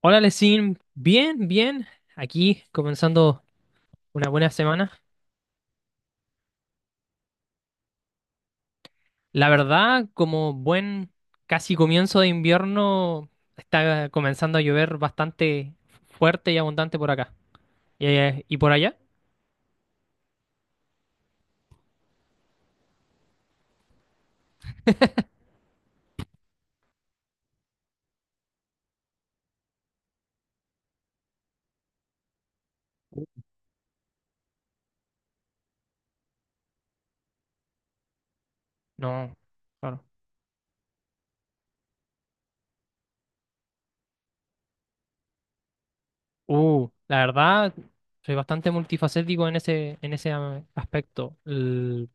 Hola, Lesin. Bien, bien. Aquí comenzando una buena semana. La verdad, como buen casi comienzo de invierno, está comenzando a llover bastante fuerte y abundante por acá. Y por allá? No, claro. La verdad, soy bastante multifacético en en ese aspecto.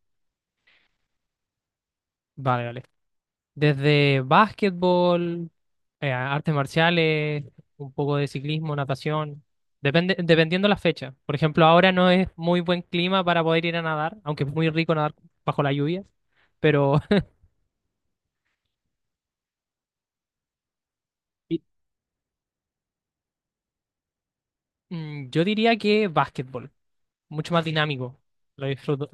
Vale, vale. Desde básquetbol, artes marciales, un poco de ciclismo, natación, dependiendo la fecha. Por ejemplo, ahora no es muy buen clima para poder ir a nadar, aunque es muy rico nadar bajo la lluvia, pero y- yo diría que básquetbol, mucho más dinámico, lo disfruto.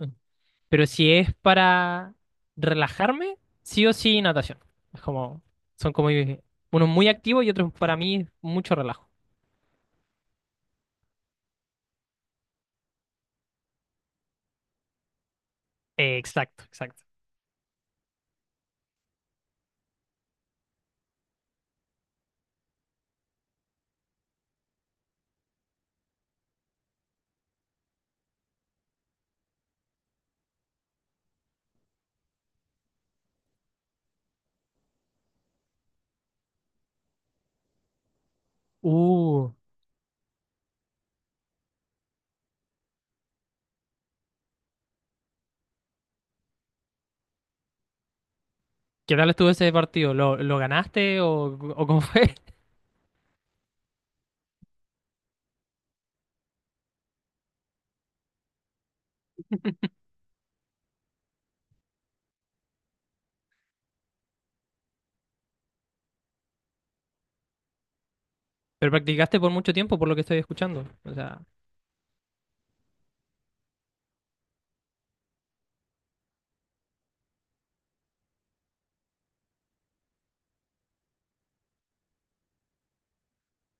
Pero si es para relajarme, sí o sí natación. Es como, son como unos muy activos y otros para mí mucho relajo. Exacto, exacto. Uh. ¿Qué tal estuvo ese partido? Lo ganaste o cómo fue? Pero practicaste por mucho tiempo, por lo que estoy escuchando. O sea,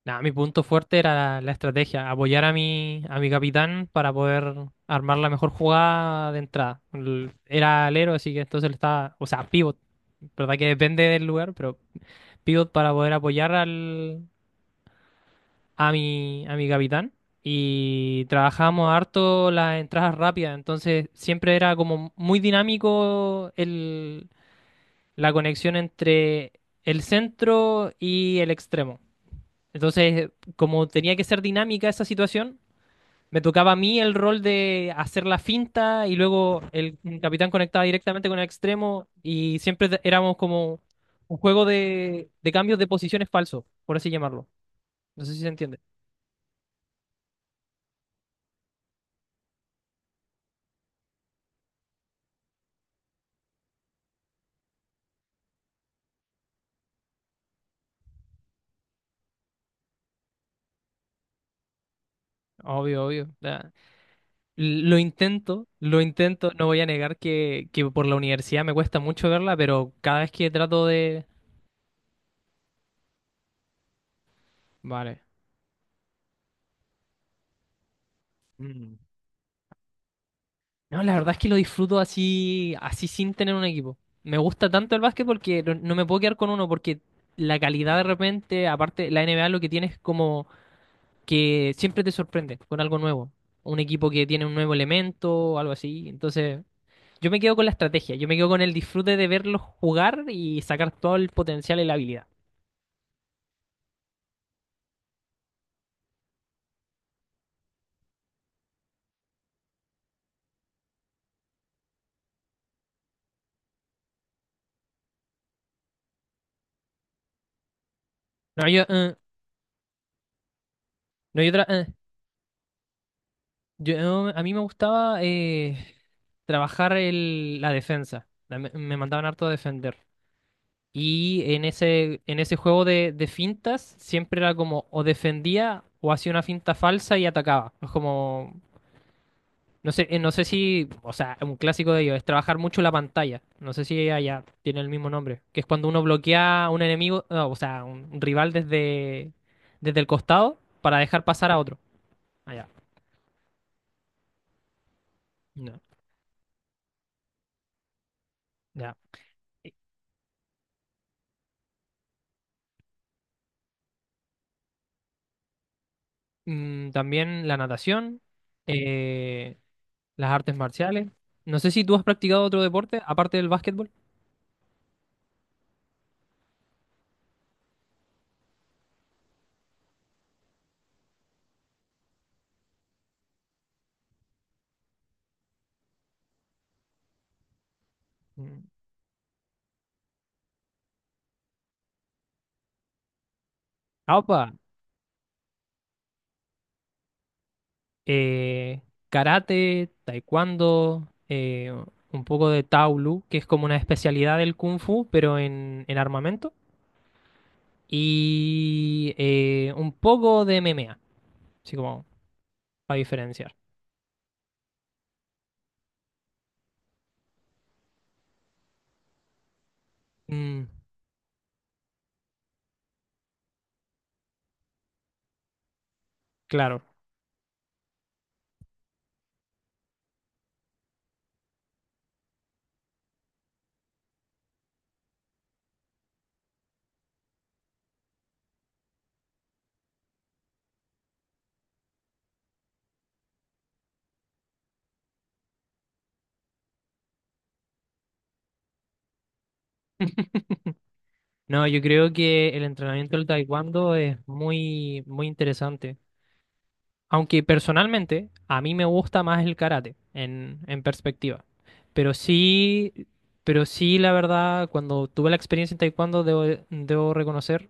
nada, mi punto fuerte era la estrategia, apoyar a a mi capitán para poder armar la mejor jugada de entrada. Era alero, así que entonces le estaba, o sea, pivot, verdad que depende del lugar, pero pivot para poder apoyar al, a a mi capitán. Y trabajamos harto las entradas rápidas, entonces siempre era como muy dinámico la conexión entre el centro y el extremo. Entonces, como tenía que ser dinámica esa situación, me tocaba a mí el rol de hacer la finta y luego el capitán conectaba directamente con el extremo y siempre éramos como un juego de cambios de posiciones falsos, por así llamarlo. No sé si se entiende. Obvio, obvio. Ya. Lo intento, lo intento. No voy a negar que por la universidad me cuesta mucho verla, pero cada vez que trato de... Vale. No, la verdad es que lo disfruto así, así sin tener un equipo. Me gusta tanto el básquet porque no, no me puedo quedar con uno, porque la calidad de repente, aparte, la NBA lo que tiene es como que siempre te sorprende con algo nuevo. Un equipo que tiene un nuevo elemento, algo así. Entonces, yo me quedo con la estrategia, yo me quedo con el disfrute de verlos jugar y sacar todo el potencial y la habilidad. No, no, a mí me gustaba trabajar la defensa. Me mandaban harto a defender. Y en en ese juego de fintas siempre era como o defendía o hacía una finta falsa y atacaba. No sé, no sé si, o sea, un clásico de ellos es trabajar mucho la pantalla. No sé si allá tiene el mismo nombre, que es cuando uno bloquea a un enemigo, no, o sea, un rival desde, desde el costado para dejar pasar a otro. Allá. No, ya. Eh, también la natación, eh, las artes marciales. No sé si tú has practicado otro deporte aparte del básquetbol. Mm. Opa, eh, karate, taekwondo, un poco de Taolu, que es como una especialidad del kung fu, pero en armamento. Y un poco de MMA, así como para diferenciar. Mm, claro. No, yo creo que el entrenamiento del taekwondo es muy, muy interesante. Aunque personalmente a mí me gusta más el karate en perspectiva. Pero sí, pero sí, la verdad, cuando tuve la experiencia en taekwondo, debo, debo reconocer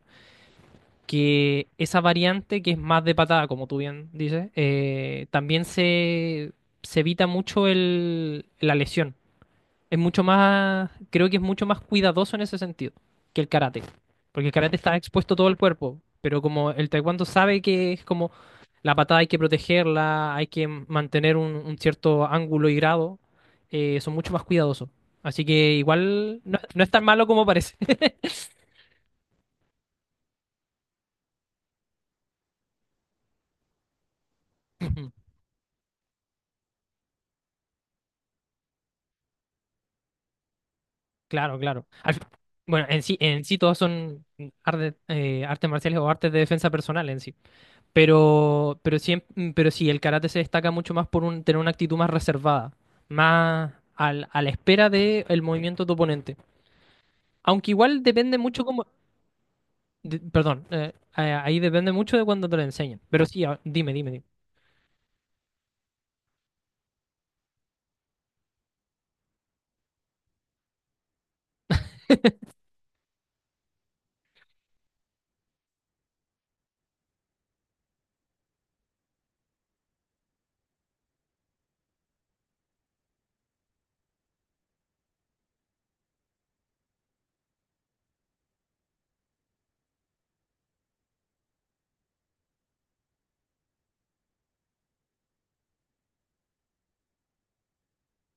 que esa variante que es más de patada, como tú bien dices, también se evita mucho la lesión. Es mucho más, creo que es mucho más cuidadoso en ese sentido que el karate. Porque el karate está expuesto todo el cuerpo, pero como el taekwondo sabe que es como la patada hay que protegerla, hay que mantener un cierto ángulo y grado, son mucho más cuidadosos. Así que igual no, no es tan malo como parece. Claro, claro. Bueno, en sí todos son artes marciales o artes de defensa personal en sí. Pero sí, pero sí, el karate se destaca mucho más por tener una actitud más reservada, a la espera del movimiento de tu oponente. Aunque igual depende mucho como... perdón, ahí depende mucho de cuando te lo enseñen. Pero sí, dime, dime, dime.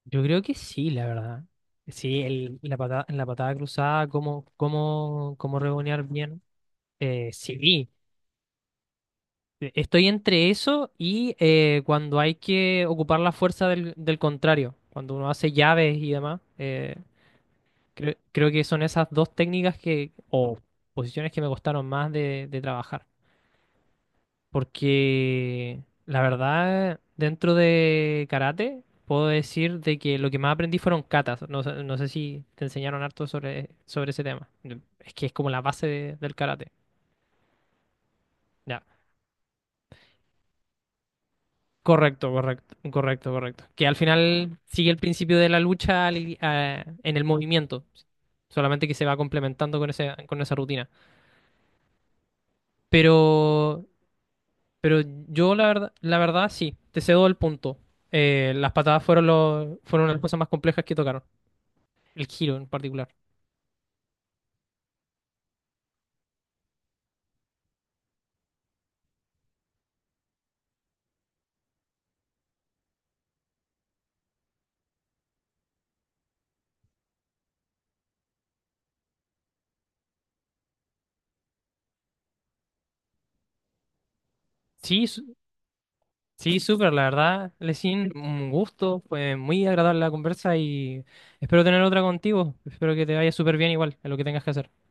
Yo creo que sí, la verdad. Sí, la patada cruzada, cómo rebonear bien. Eh, sí, Estoy entre eso y cuando hay que ocupar la fuerza del, del contrario, cuando uno hace llaves y demás. Creo que son esas dos técnicas que, o posiciones que me costaron más de trabajar. Porque la verdad, dentro de karate, puedo decir de que lo que más aprendí fueron katas. No sé si te enseñaron harto sobre, sobre ese tema. Es que es como del karate. Ya. Correcto, correcto, correcto, correcto. Que al final sigue el principio de la lucha en el movimiento, solamente que se va complementando con ese, con esa rutina. Pero, pero yo la verdad sí, te cedo el punto. Las patadas fueron las cosas más complejas que tocaron, el giro en particular. Sí, su- sí, súper, la verdad, Lesin, un gusto, fue muy agradable la conversa y espero tener otra contigo. Espero que te vaya súper bien igual en lo que tengas que hacer.